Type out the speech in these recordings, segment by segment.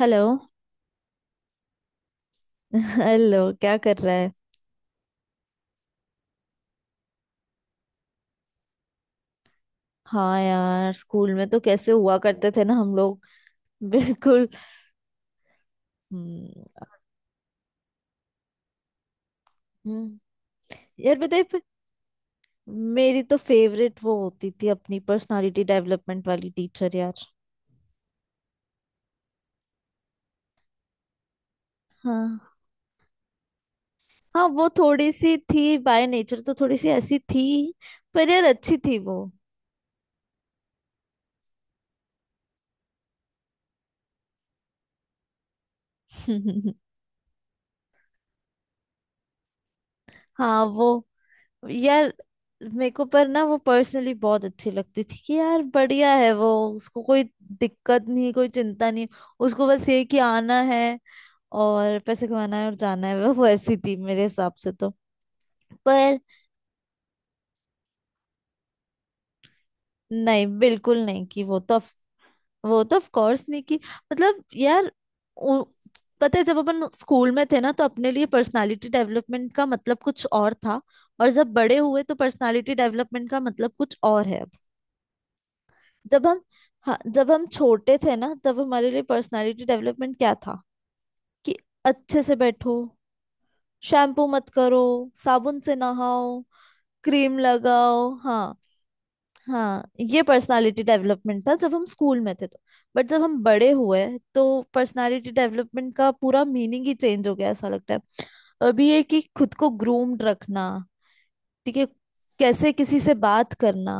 Hello. Hello, क्या कर रहा है? हाँ यार, स्कूल में तो कैसे हुआ करते थे ना हम लोग। बिल्कुल। हम्म। हम्म। यार बताइए फिर। मेरी तो फेवरेट वो होती थी, अपनी पर्सनालिटी डेवलपमेंट वाली टीचर यार। हाँ। हाँ, वो थोड़ी सी थी बाय नेचर, तो थोड़ी सी ऐसी थी। पर यार, अच्छी थी वो। हाँ वो। यार, मेरे को पर ना वो पर्सनली बहुत अच्छी लगती थी, कि यार बढ़िया है वो। उसको कोई दिक्कत नहीं, कोई चिंता नहीं। उसको बस ये कि आना है और पैसे कमाना है और जाना है, वो वैसी थी मेरे हिसाब से तो। पर नहीं, बिल्कुल नहीं कि वो तो वो तो ऑफ कोर्स नहीं कि मतलब यार, उ, पता है जब अपन स्कूल में थे ना तो अपने लिए पर्सनालिटी डेवलपमेंट का मतलब कुछ और था। और जब बड़े हुए तो पर्सनालिटी डेवलपमेंट का मतलब कुछ और है। जब हम हाँ, जब हम छोटे थे ना तब हमारे लिए पर्सनालिटी डेवलपमेंट क्या था कि अच्छे से बैठो, शैम्पू मत करो, साबुन से नहाओ, क्रीम लगाओ। हाँ, हाँ, ये पर्सनालिटी डेवलपमेंट था जब हम स्कूल में थे तो। बट जब हम बड़े हुए तो पर्सनालिटी डेवलपमेंट का पूरा मीनिंग ही चेंज हो गया ऐसा लगता है। अभी ये कि खुद को ग्रूम्ड रखना, ठीक है, कैसे किसी से बात करना,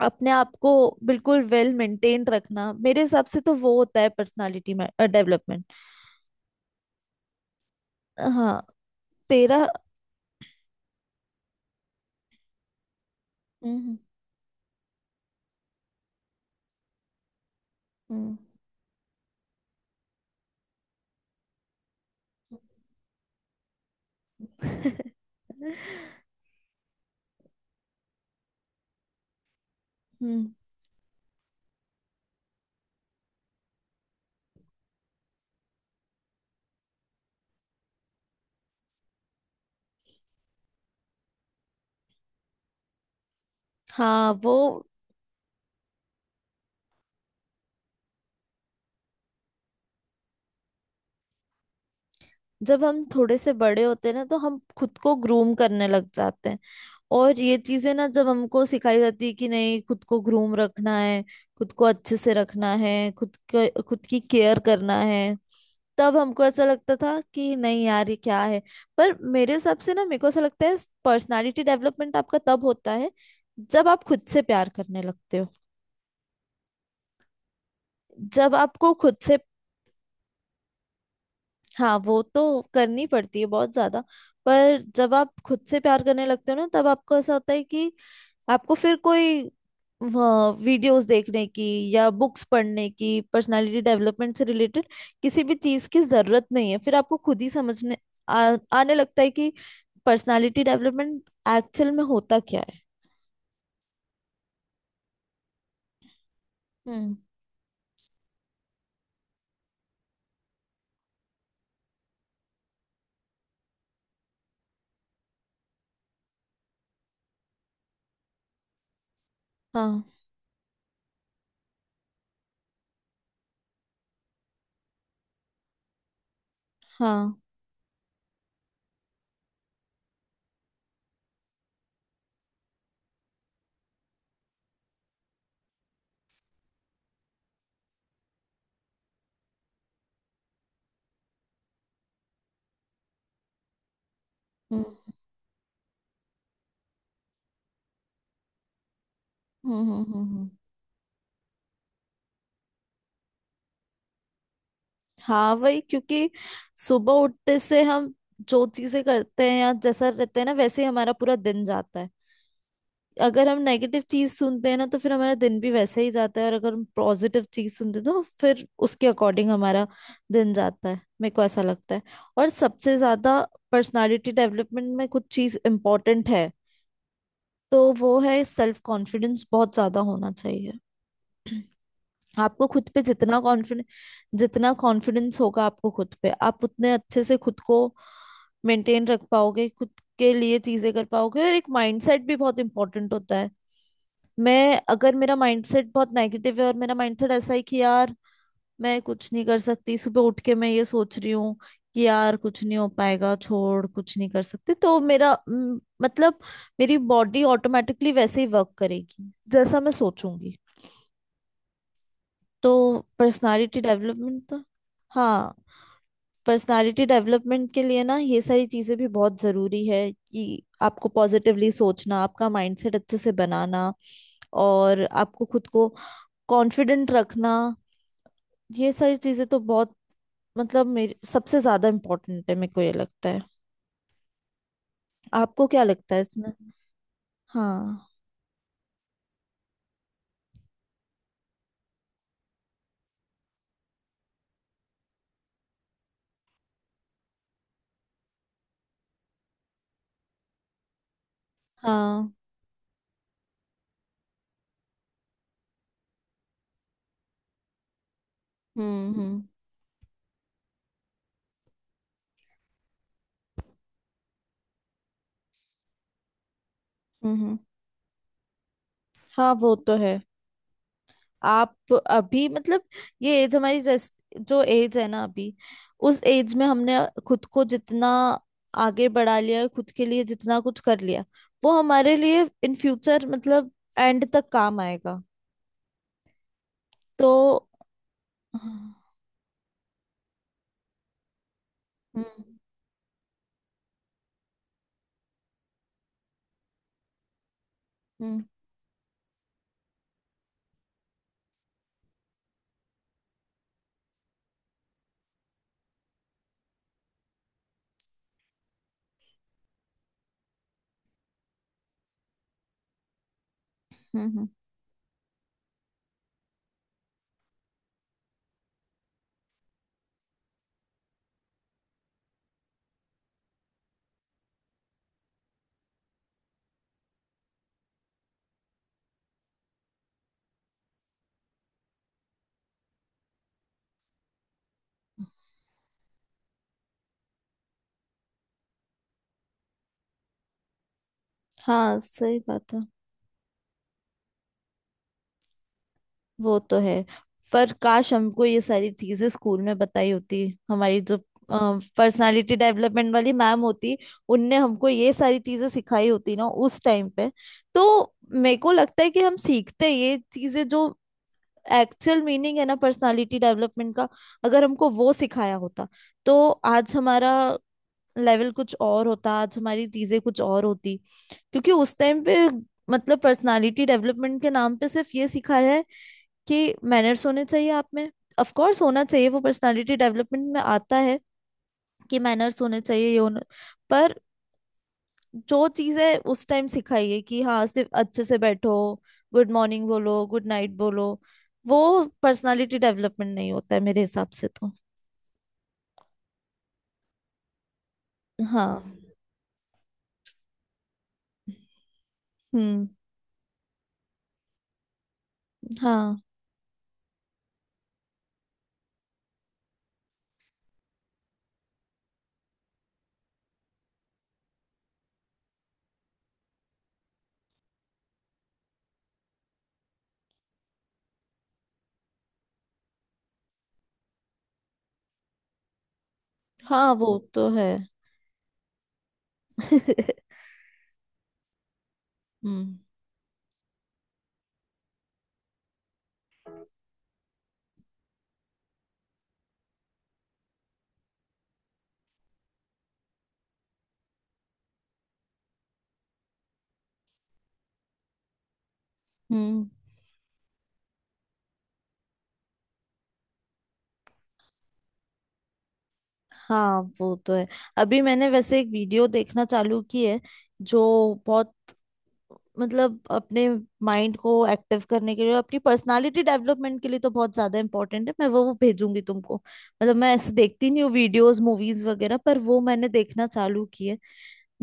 अपने आप को बिल्कुल वेल मेंटेन रखना, मेरे हिसाब से तो वो होता है पर्सनालिटी में डेवलपमेंट। हाँ। तेरा। हम्म हम्म हम्म, हम्म। हाँ वो। जब हम थोड़े से बड़े होते हैं ना तो हम खुद को ग्रूम करने लग जाते हैं, और ये चीजें ना जब हमको सिखाई जाती है कि नहीं, खुद को ग्रूम रखना है, खुद को अच्छे से रखना है, खुद को खुद की केयर करना है, तब हमको ऐसा लगता था कि नहीं यार ये क्या है। पर मेरे हिसाब से ना, मेरे को ऐसा लगता है, पर्सनालिटी डेवलपमेंट आपका तब होता है जब आप खुद से प्यार करने लगते हो। जब आपको खुद से, हाँ वो तो करनी पड़ती है बहुत ज्यादा। पर जब आप खुद से प्यार करने लगते हो ना, तब आपको ऐसा होता है कि आपको फिर कोई वीडियोस देखने की या बुक्स पढ़ने की, पर्सनालिटी डेवलपमेंट से रिलेटेड किसी भी चीज की जरूरत नहीं है, फिर आपको खुद ही समझने आने लगता है कि पर्सनालिटी डेवलपमेंट एक्चुअल में होता क्या है। हम्म। हाँ। हाँ। हम्म हम्म हम्म हम्म, हम्म। हाँ वही, क्योंकि सुबह उठते से हम जो चीजें करते हैं या जैसा रहते हैं ना, वैसे ही हमारा पूरा दिन जाता है। अगर हम नेगेटिव चीज सुनते हैं ना तो फिर हमारा दिन भी वैसे ही जाता है, और अगर हम पॉजिटिव चीज सुनते हैं तो फिर उसके अकॉर्डिंग हमारा दिन जाता है। मेरे को ऐसा लगता है। और सबसे ज्यादा पर्सनालिटी डेवलपमेंट में कुछ चीज इम्पोर्टेंट है, तो वो है सेल्फ कॉन्फिडेंस। बहुत ज्यादा होना चाहिए आपको खुद पे जितना कॉन्फिडेंस। जितना कॉन्फिडेंस होगा आपको खुद पे, आप उतने अच्छे से खुद को मेंटेन रख पाओगे, खुद के लिए चीजें कर पाओगे। और एक माइंडसेट भी बहुत इंपॉर्टेंट होता है। मैं, अगर मेरा माइंडसेट बहुत नेगेटिव है और मेरा माइंडसेट ऐसा है कि यार मैं कुछ नहीं कर सकती, सुबह उठ के मैं ये सोच रही हूँ कि यार कुछ नहीं हो पाएगा, छोड़ कुछ नहीं कर सकती, तो मतलब मेरी बॉडी ऑटोमेटिकली वैसे ही वर्क करेगी जैसा मैं सोचूंगी। तो पर्सनालिटी डेवलपमेंट तो, हाँ, पर्सनालिटी डेवलपमेंट के लिए ना ये सारी चीजें भी बहुत जरूरी है, कि आपको पॉजिटिवली सोचना, आपका माइंडसेट अच्छे से बनाना, और आपको खुद को कॉन्फिडेंट रखना। ये सारी चीजें तो बहुत मतलब मेरे सबसे ज्यादा इम्पोर्टेंट है, मेरे को ये लगता है। आपको क्या लगता है इसमें? हाँ। हाँ। हम्म हम्म हम्म हम्म। हाँ वो तो है। आप अभी मतलब, ये एज हमारी जो एज है ना अभी, उस एज में हमने खुद को जितना आगे बढ़ा लिया, खुद के लिए जितना कुछ कर लिया, वो हमारे लिए इन फ्यूचर मतलब एंड तक काम आएगा। तो हम्म हम्म हम्म हम्म। हाँ सही बात है, वो तो है। पर काश हमको ये सारी चीजें स्कूल में बताई होती, हमारी जो पर्सनालिटी डेवलपमेंट वाली मैम होती, उनने हमको ये सारी चीजें सिखाई होती ना उस टाइम पे, तो मेरे को लगता है कि हम सीखते ये चीजें, जो एक्चुअल मीनिंग है ना पर्सनालिटी डेवलपमेंट का, अगर हमको वो सिखाया होता, तो आज हमारा लेवल कुछ और होता, आज हमारी चीजें कुछ और होती। क्योंकि उस टाइम पे मतलब पर्सनालिटी डेवलपमेंट के नाम पे सिर्फ ये सिखाया है कि मैनर्स होने चाहिए आप में। ऑफ कोर्स होना चाहिए, वो पर्सनालिटी डेवलपमेंट में आता है कि मैनर्स होने चाहिए, ये होना। पर जो चीजें उस टाइम सिखाई है कि हाँ, सिर्फ अच्छे से बैठो, गुड मॉर्निंग बोलो, गुड नाइट बोलो, वो पर्सनालिटी डेवलपमेंट नहीं होता है मेरे हिसाब से तो। हाँ। हम्म। हाँ। हाँ वो तो है। हम्म हम्म। हाँ वो तो है। अभी मैंने वैसे एक वीडियो देखना चालू की है, जो बहुत मतलब अपने माइंड को एक्टिव करने के लिए, अपनी पर्सनालिटी डेवलपमेंट के लिए तो बहुत ज्यादा इंपॉर्टेंट है। मैं वो भेजूंगी तुमको, मतलब मैं ऐसे देखती नहीं हूँ वीडियोस मूवीज वगैरह, पर वो मैंने देखना चालू किया है।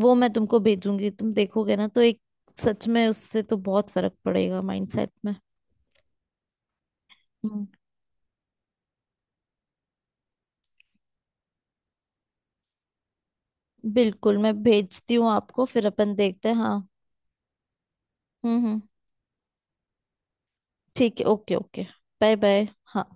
वो मैं तुमको भेजूंगी, तुम देखोगे ना तो एक, सच में उससे तो बहुत फर्क पड़ेगा माइंडसेट में। हम्म। बिल्कुल, मैं भेजती हूँ आपको, फिर अपन देखते हैं। हाँ। हम्म। ठीक है, ओके ओके। Bye bye. हाँ।